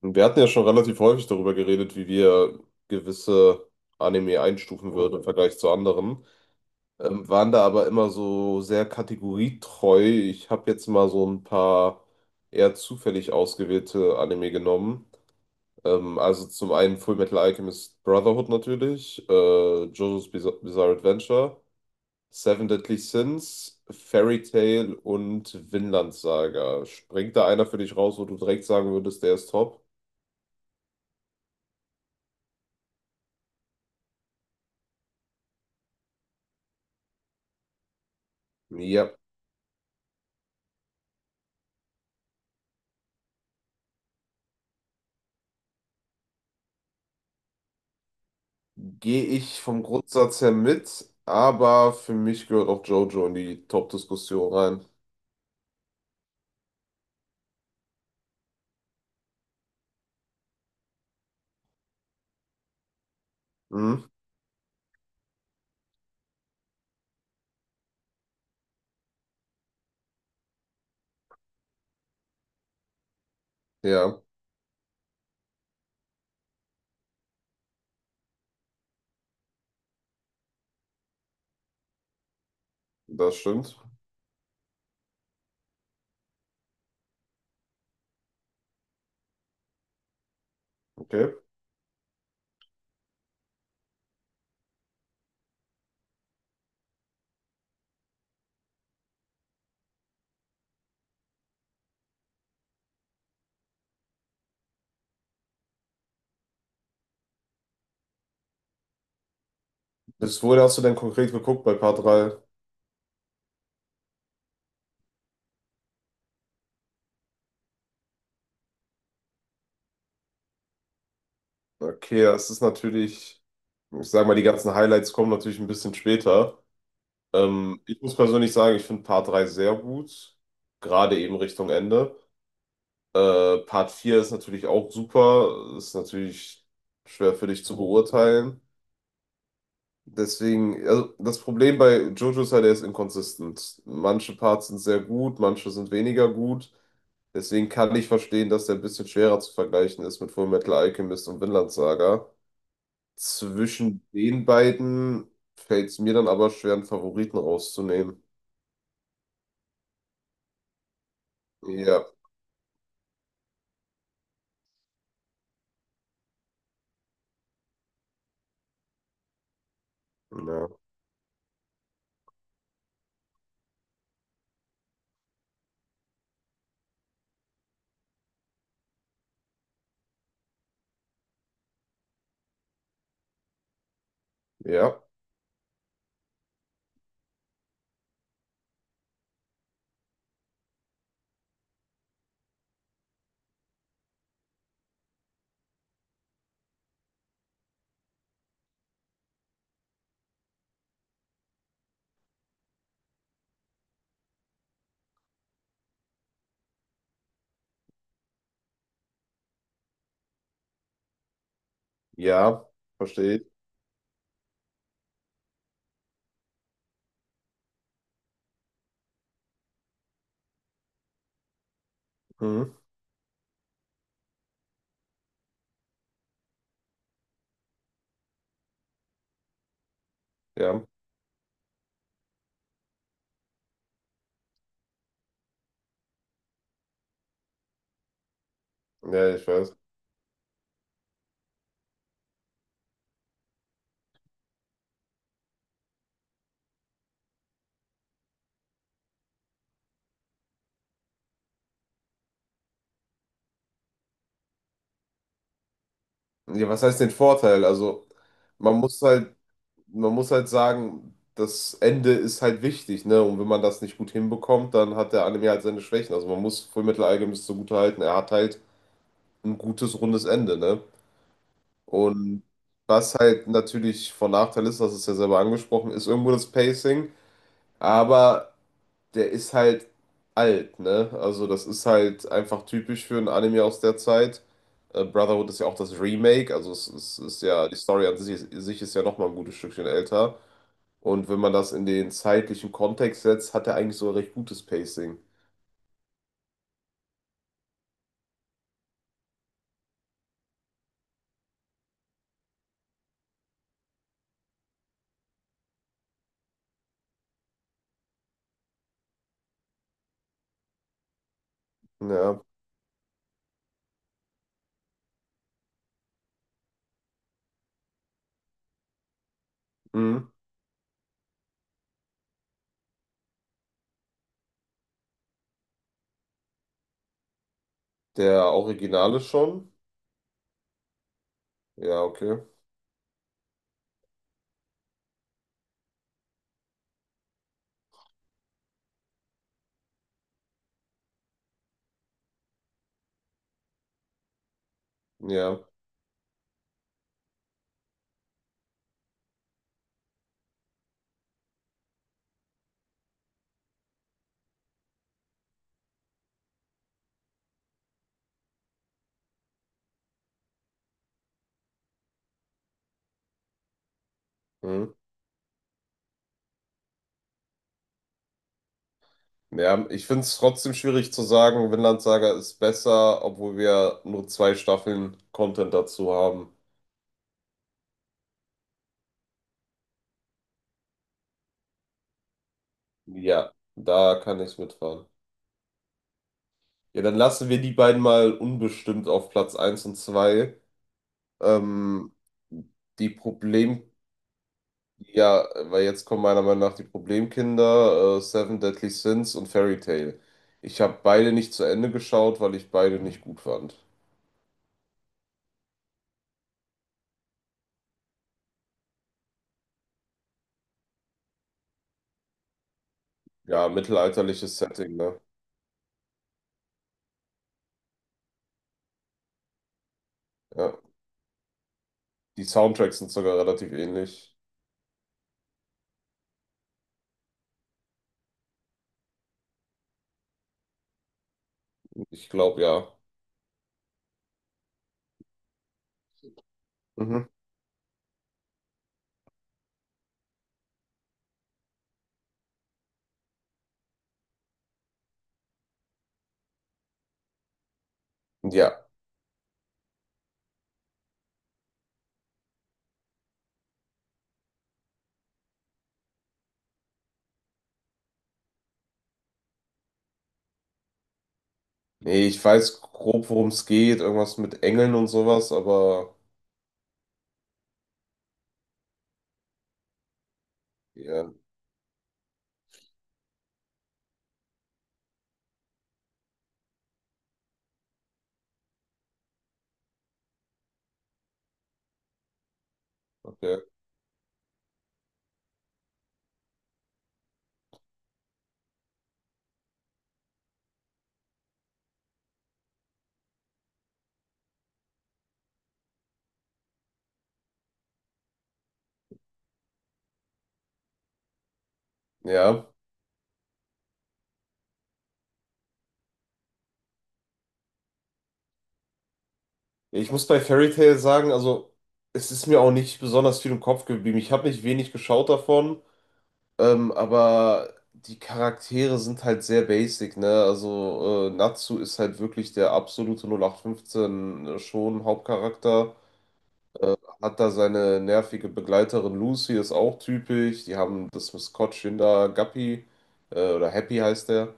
Und wir hatten ja schon relativ häufig darüber geredet, wie wir gewisse Anime einstufen würden im Vergleich zu anderen. Waren da aber immer so sehr kategorietreu. Ich habe jetzt mal so ein paar eher zufällig ausgewählte Anime genommen. Also zum einen Fullmetal Alchemist Brotherhood natürlich, JoJo's Bizarre Adventure, Seven Deadly Sins, Fairy Tail und Vinland Saga. Springt da einer für dich raus, wo du direkt sagen würdest, der ist top? Ja. Gehe ich vom Grundsatz her mit, aber für mich gehört auch JoJo in die Top-Diskussion rein. Mhm. Ja, das stimmt. Okay. Bis wohin hast du denn konkret geguckt bei Part 3? Okay, das ist natürlich, ich sag mal, die ganzen Highlights kommen natürlich ein bisschen später. Ich muss persönlich sagen, ich finde Part 3 sehr gut, gerade eben Richtung Ende. Part 4 ist natürlich auch super, ist natürlich schwer für dich zu beurteilen. Deswegen, also das Problem bei Jojo ist halt, er ist inkonsistent. Manche Parts sind sehr gut, manche sind weniger gut. Deswegen kann ich verstehen, dass der ein bisschen schwerer zu vergleichen ist mit Fullmetal Alchemist und Vinland Saga. Zwischen den beiden fällt es mir dann aber schwer, einen Favoriten rauszunehmen. Ja, ja, ja, ja, verstehe ich. Mhm. Ja, ja, ich weiß. Ja, was heißt den Vorteil? Also, man muss halt man muss halt sagen, das Ende ist halt wichtig, ne? Und wenn man das nicht gut hinbekommt, dann hat der Anime halt seine Schwächen. Also man muss Fullmetal Alchemist zugute halten, er hat halt ein gutes, rundes Ende, ne? Und was halt natürlich von Nachteil ist, das ist ja selber angesprochen, ist irgendwo das Pacing, aber der ist halt alt, ne? Also das ist halt einfach typisch für ein Anime aus der Zeit. Brotherhood ist ja auch das Remake, also es ist ja, die Story an sich ist ja nochmal ein gutes Stückchen älter. Und wenn man das in den zeitlichen Kontext setzt, hat er eigentlich so ein recht gutes Pacing. Ja. Mhm. Der Originale schon? Ja, okay. Ja. Mhm. Ja, ich finde es trotzdem schwierig zu sagen, Vinland Saga ist besser, obwohl wir nur zwei Staffeln Content dazu haben. Ja, da kann ich mitfahren. Ja, dann lassen wir die beiden mal unbestimmt auf Platz 1 und 2. Ähm, die Problem Ja, weil jetzt kommen meiner Meinung nach die Problemkinder, Seven Deadly Sins und Fairy Tail. Ich habe beide nicht zu Ende geschaut, weil ich beide nicht gut fand. Ja, mittelalterliches Setting, ne? Ja. Die Soundtracks sind sogar relativ ähnlich. Ich glaube, ja. Mhm. Ja. Nee, ich weiß grob, worum es geht. Irgendwas mit Engeln und sowas, aber ja, okay. Ja. Ich muss bei Fairy Tail sagen, also es ist mir auch nicht besonders viel im Kopf geblieben. Ich habe nicht wenig geschaut davon. Aber die Charaktere sind halt sehr basic, ne? Also Natsu ist halt wirklich der absolute 08/15 schon Hauptcharakter. Hat da seine nervige Begleiterin Lucy, ist auch typisch. Die haben das Maskottchen da, Guppy, oder Happy heißt der.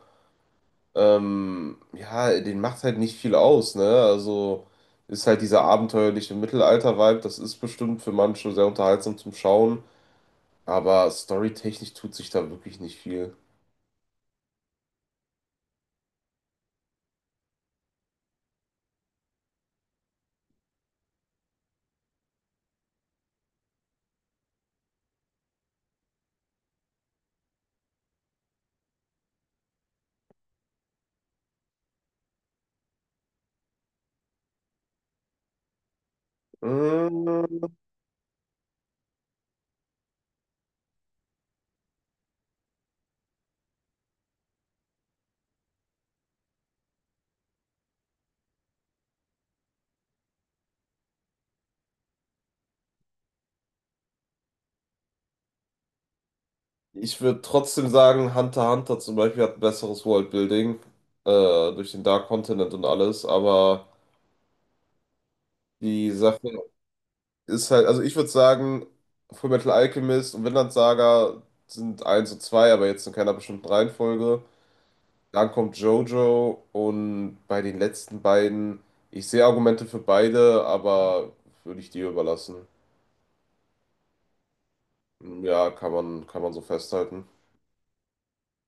Ja, den macht halt nicht viel aus, ne? Also ist halt dieser abenteuerliche Mittelalter-Vibe, das ist bestimmt für manche sehr unterhaltsam zum Schauen, aber storytechnisch tut sich da wirklich nicht viel. Mm, Ich würde trotzdem sagen, Hunter x Hunter zum Beispiel hat ein besseres Worldbuilding, äh, durch den Dark Continent und alles, aber die Sache ist halt, also ich würde sagen, Fullmetal Alchemist und Vinland Saga sind eins und 2, aber jetzt in keiner bestimmten Reihenfolge. Dann kommt JoJo und bei den letzten beiden, ich sehe Argumente für beide, aber würde ich dir überlassen. Ja, kann man so festhalten.